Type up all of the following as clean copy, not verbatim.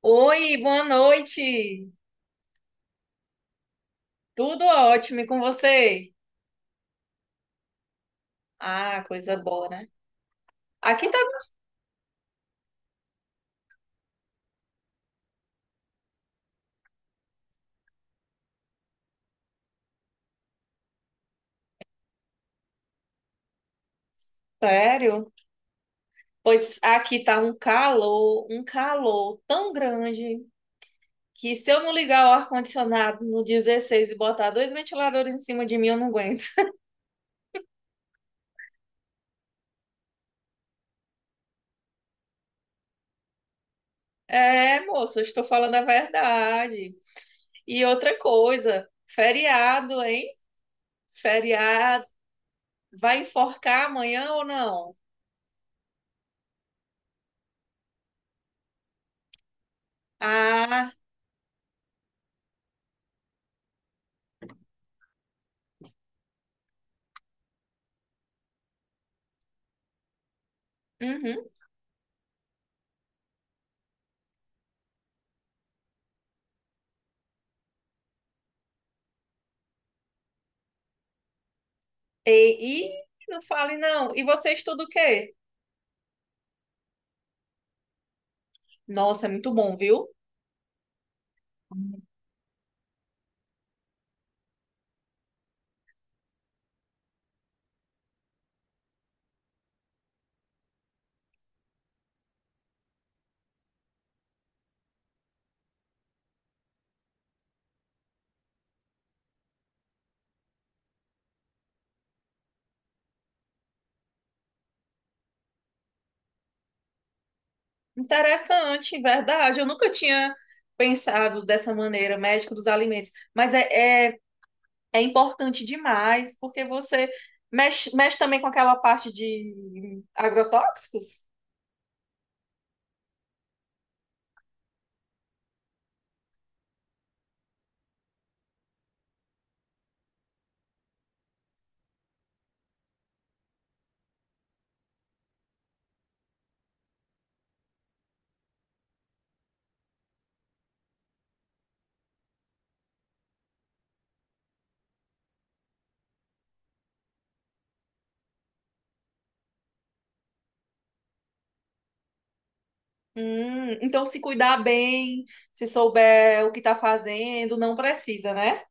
Oi, boa noite. Tudo ótimo e com você? Ah, coisa boa, né? Aqui tá Sério? Pois aqui tá um calor tão grande que se eu não ligar o ar-condicionado no 16 e botar dois ventiladores em cima de mim, eu não aguento. É, moço, eu estou falando a verdade. E outra coisa, feriado, hein? Feriado. Vai enforcar amanhã ou não? Ah, uhum. E não fale, não. E você estuda o quê? Nossa, é muito bom, viu? Interessante, verdade. Eu nunca tinha pensado dessa maneira, médico dos alimentos. Mas é importante demais, porque você mexe, mexe também com aquela parte de agrotóxicos. Então, se cuidar bem, se souber o que está fazendo, não precisa, né?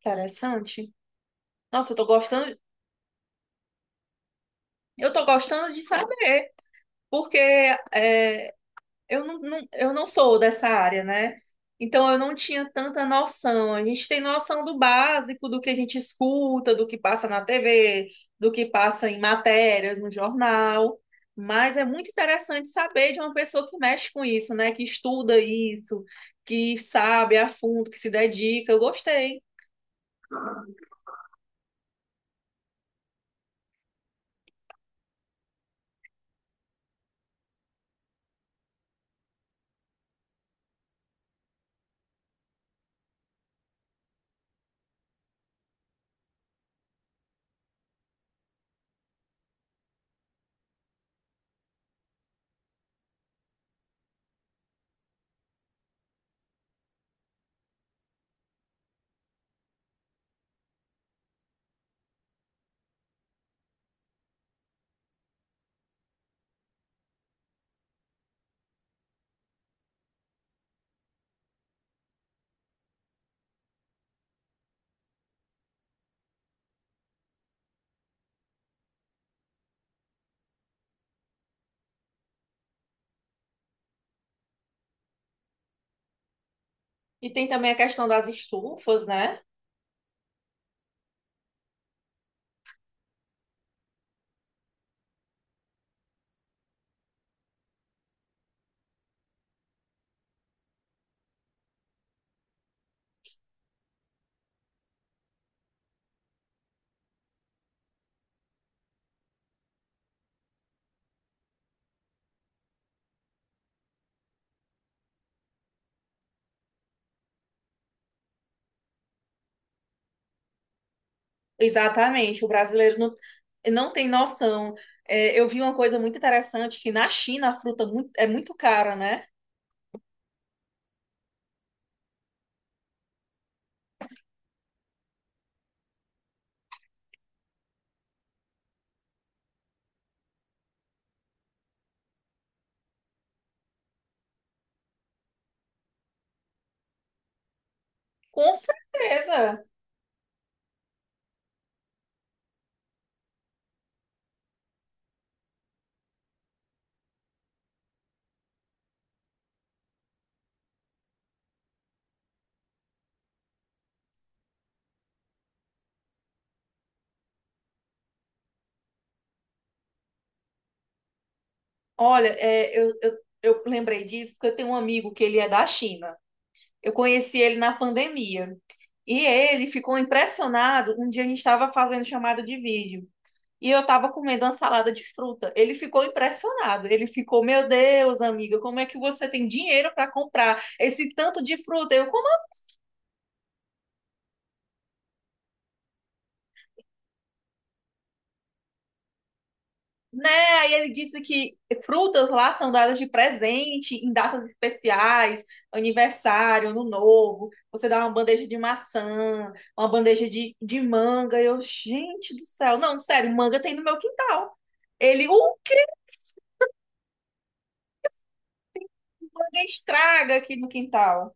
Interessante. Nossa, eu tô gostando de saber, porque é, eu não sou dessa área, né? Então eu não tinha tanta noção. A gente tem noção do básico, do que a gente escuta, do que passa na TV, do que passa em matérias, no jornal. Mas é muito interessante saber de uma pessoa que mexe com isso, né? Que estuda isso, que sabe a fundo, que se dedica. Eu gostei. E tem também a questão das estufas, né? Exatamente, o brasileiro não tem noção. É, eu vi uma coisa muito interessante, que na China a fruta é muito cara, né? Com certeza. Olha, é, eu lembrei disso porque eu tenho um amigo que ele é da China. Eu conheci ele na pandemia. E ele ficou impressionado. Um dia a gente estava fazendo chamada de vídeo. E eu estava comendo uma salada de fruta. Ele ficou impressionado. Ele ficou, meu Deus, amiga, como é que você tem dinheiro para comprar esse tanto de fruta? Eu, como... Né? Aí ele disse que frutas lá são dadas de presente em datas especiais, aniversário, ano novo. Você dá uma bandeja de maçã, uma bandeja de manga. Eu, gente do céu, não, sério, manga tem no meu quintal. Ele, o que manga estraga aqui no quintal?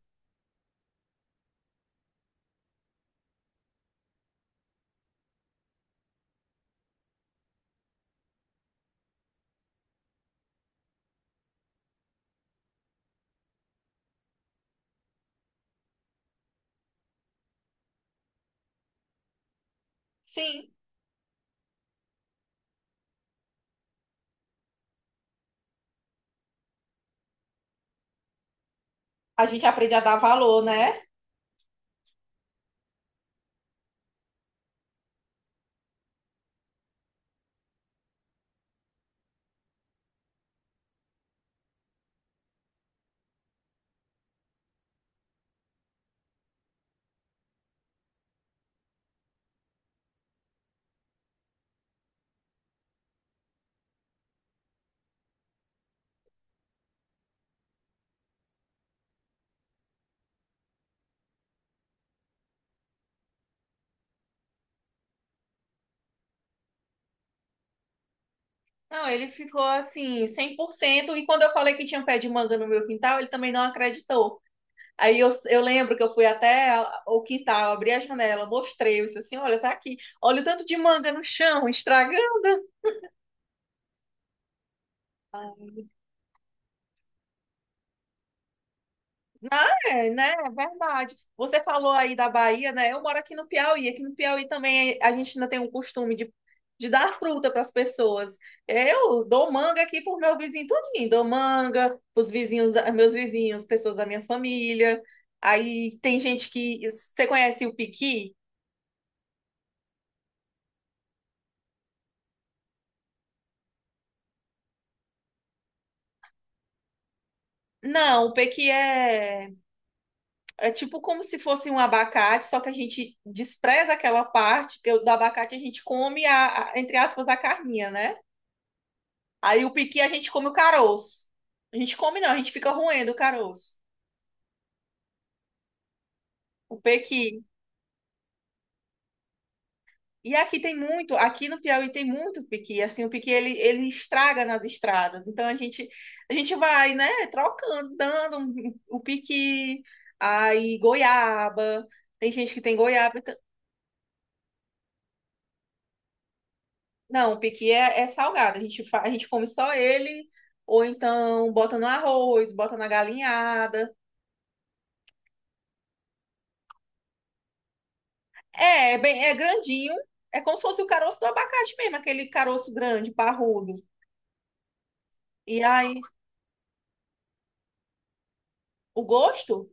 Sim, a gente aprende a dar valor, né? Não, ele ficou assim, 100%. E quando eu falei que tinha um pé de manga no meu quintal, ele também não acreditou. Aí eu lembro que eu fui até o quintal, abri a janela, mostrei, eu disse assim, olha, tá aqui, olha o tanto de manga no chão, estragando. É, né? É verdade. Você falou aí da Bahia, né? Eu moro aqui no Piauí. Aqui no Piauí também a gente ainda tem o costume de dar fruta para as pessoas. Eu dou manga aqui pro meu vizinho tudinho, dou manga pros vizinhos, meus vizinhos, pessoas da minha família. Aí tem gente que... Você conhece o piqui? Não, o pequi É tipo como se fosse um abacate, só que a gente despreza aquela parte, porque do abacate a gente come entre aspas, a carninha, né? Aí o pequi a gente come o caroço. A gente come não, a gente fica roendo o caroço. O pequi. E aqui tem muito, aqui no Piauí tem muito pequi, assim, o pequi ele estraga nas estradas. Então a gente vai, né, trocando, dando o pequi, aí goiaba. Tem gente que tem goiaba. Não, o piqui é salgado. A gente, a gente come só ele, ou então bota no arroz, bota na galinhada. É bem, é grandinho. É como se fosse o caroço do abacate mesmo, aquele caroço grande, parrudo. E aí, o gosto?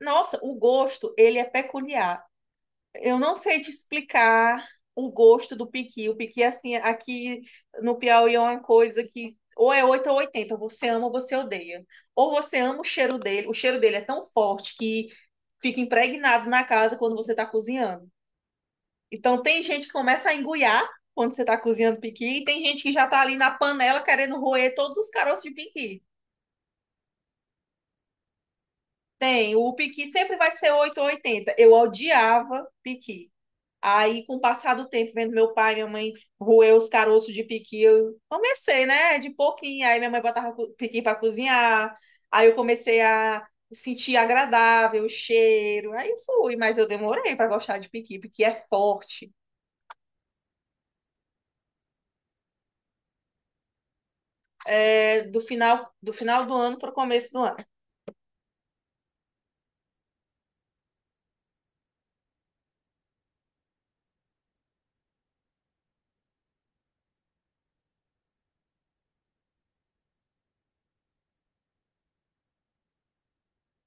Nossa, o gosto, ele é peculiar. Eu não sei te explicar o gosto do piqui. O piqui, assim, aqui no Piauí é uma coisa que ou é 8 ou 80, você ama ou você odeia. Ou você ama o cheiro dele é tão forte que fica impregnado na casa quando você está cozinhando. Então, tem gente que começa a engoiar quando você está cozinhando piqui, e tem gente que já está ali na panela querendo roer todos os caroços de piqui. Tem, o piqui sempre vai ser 8 ou 80. Eu odiava piqui. Aí, com o passar do tempo, vendo meu pai e minha mãe roer os caroços de piqui, eu comecei, né? De pouquinho. Aí minha mãe botava piqui para cozinhar. Aí eu comecei a sentir agradável o cheiro. Aí fui, mas eu demorei para gostar de piqui, porque é forte. É do final do ano para o começo do ano.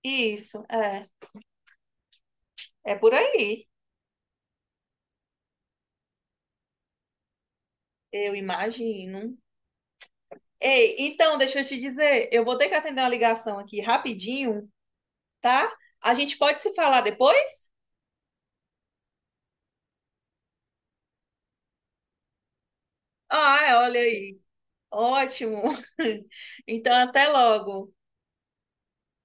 Isso, é. É por aí, eu imagino. Ei, então, deixa eu te dizer, eu vou ter que atender uma ligação aqui rapidinho, tá? A gente pode se falar depois? Ah, é, olha aí. Ótimo. Então, até logo.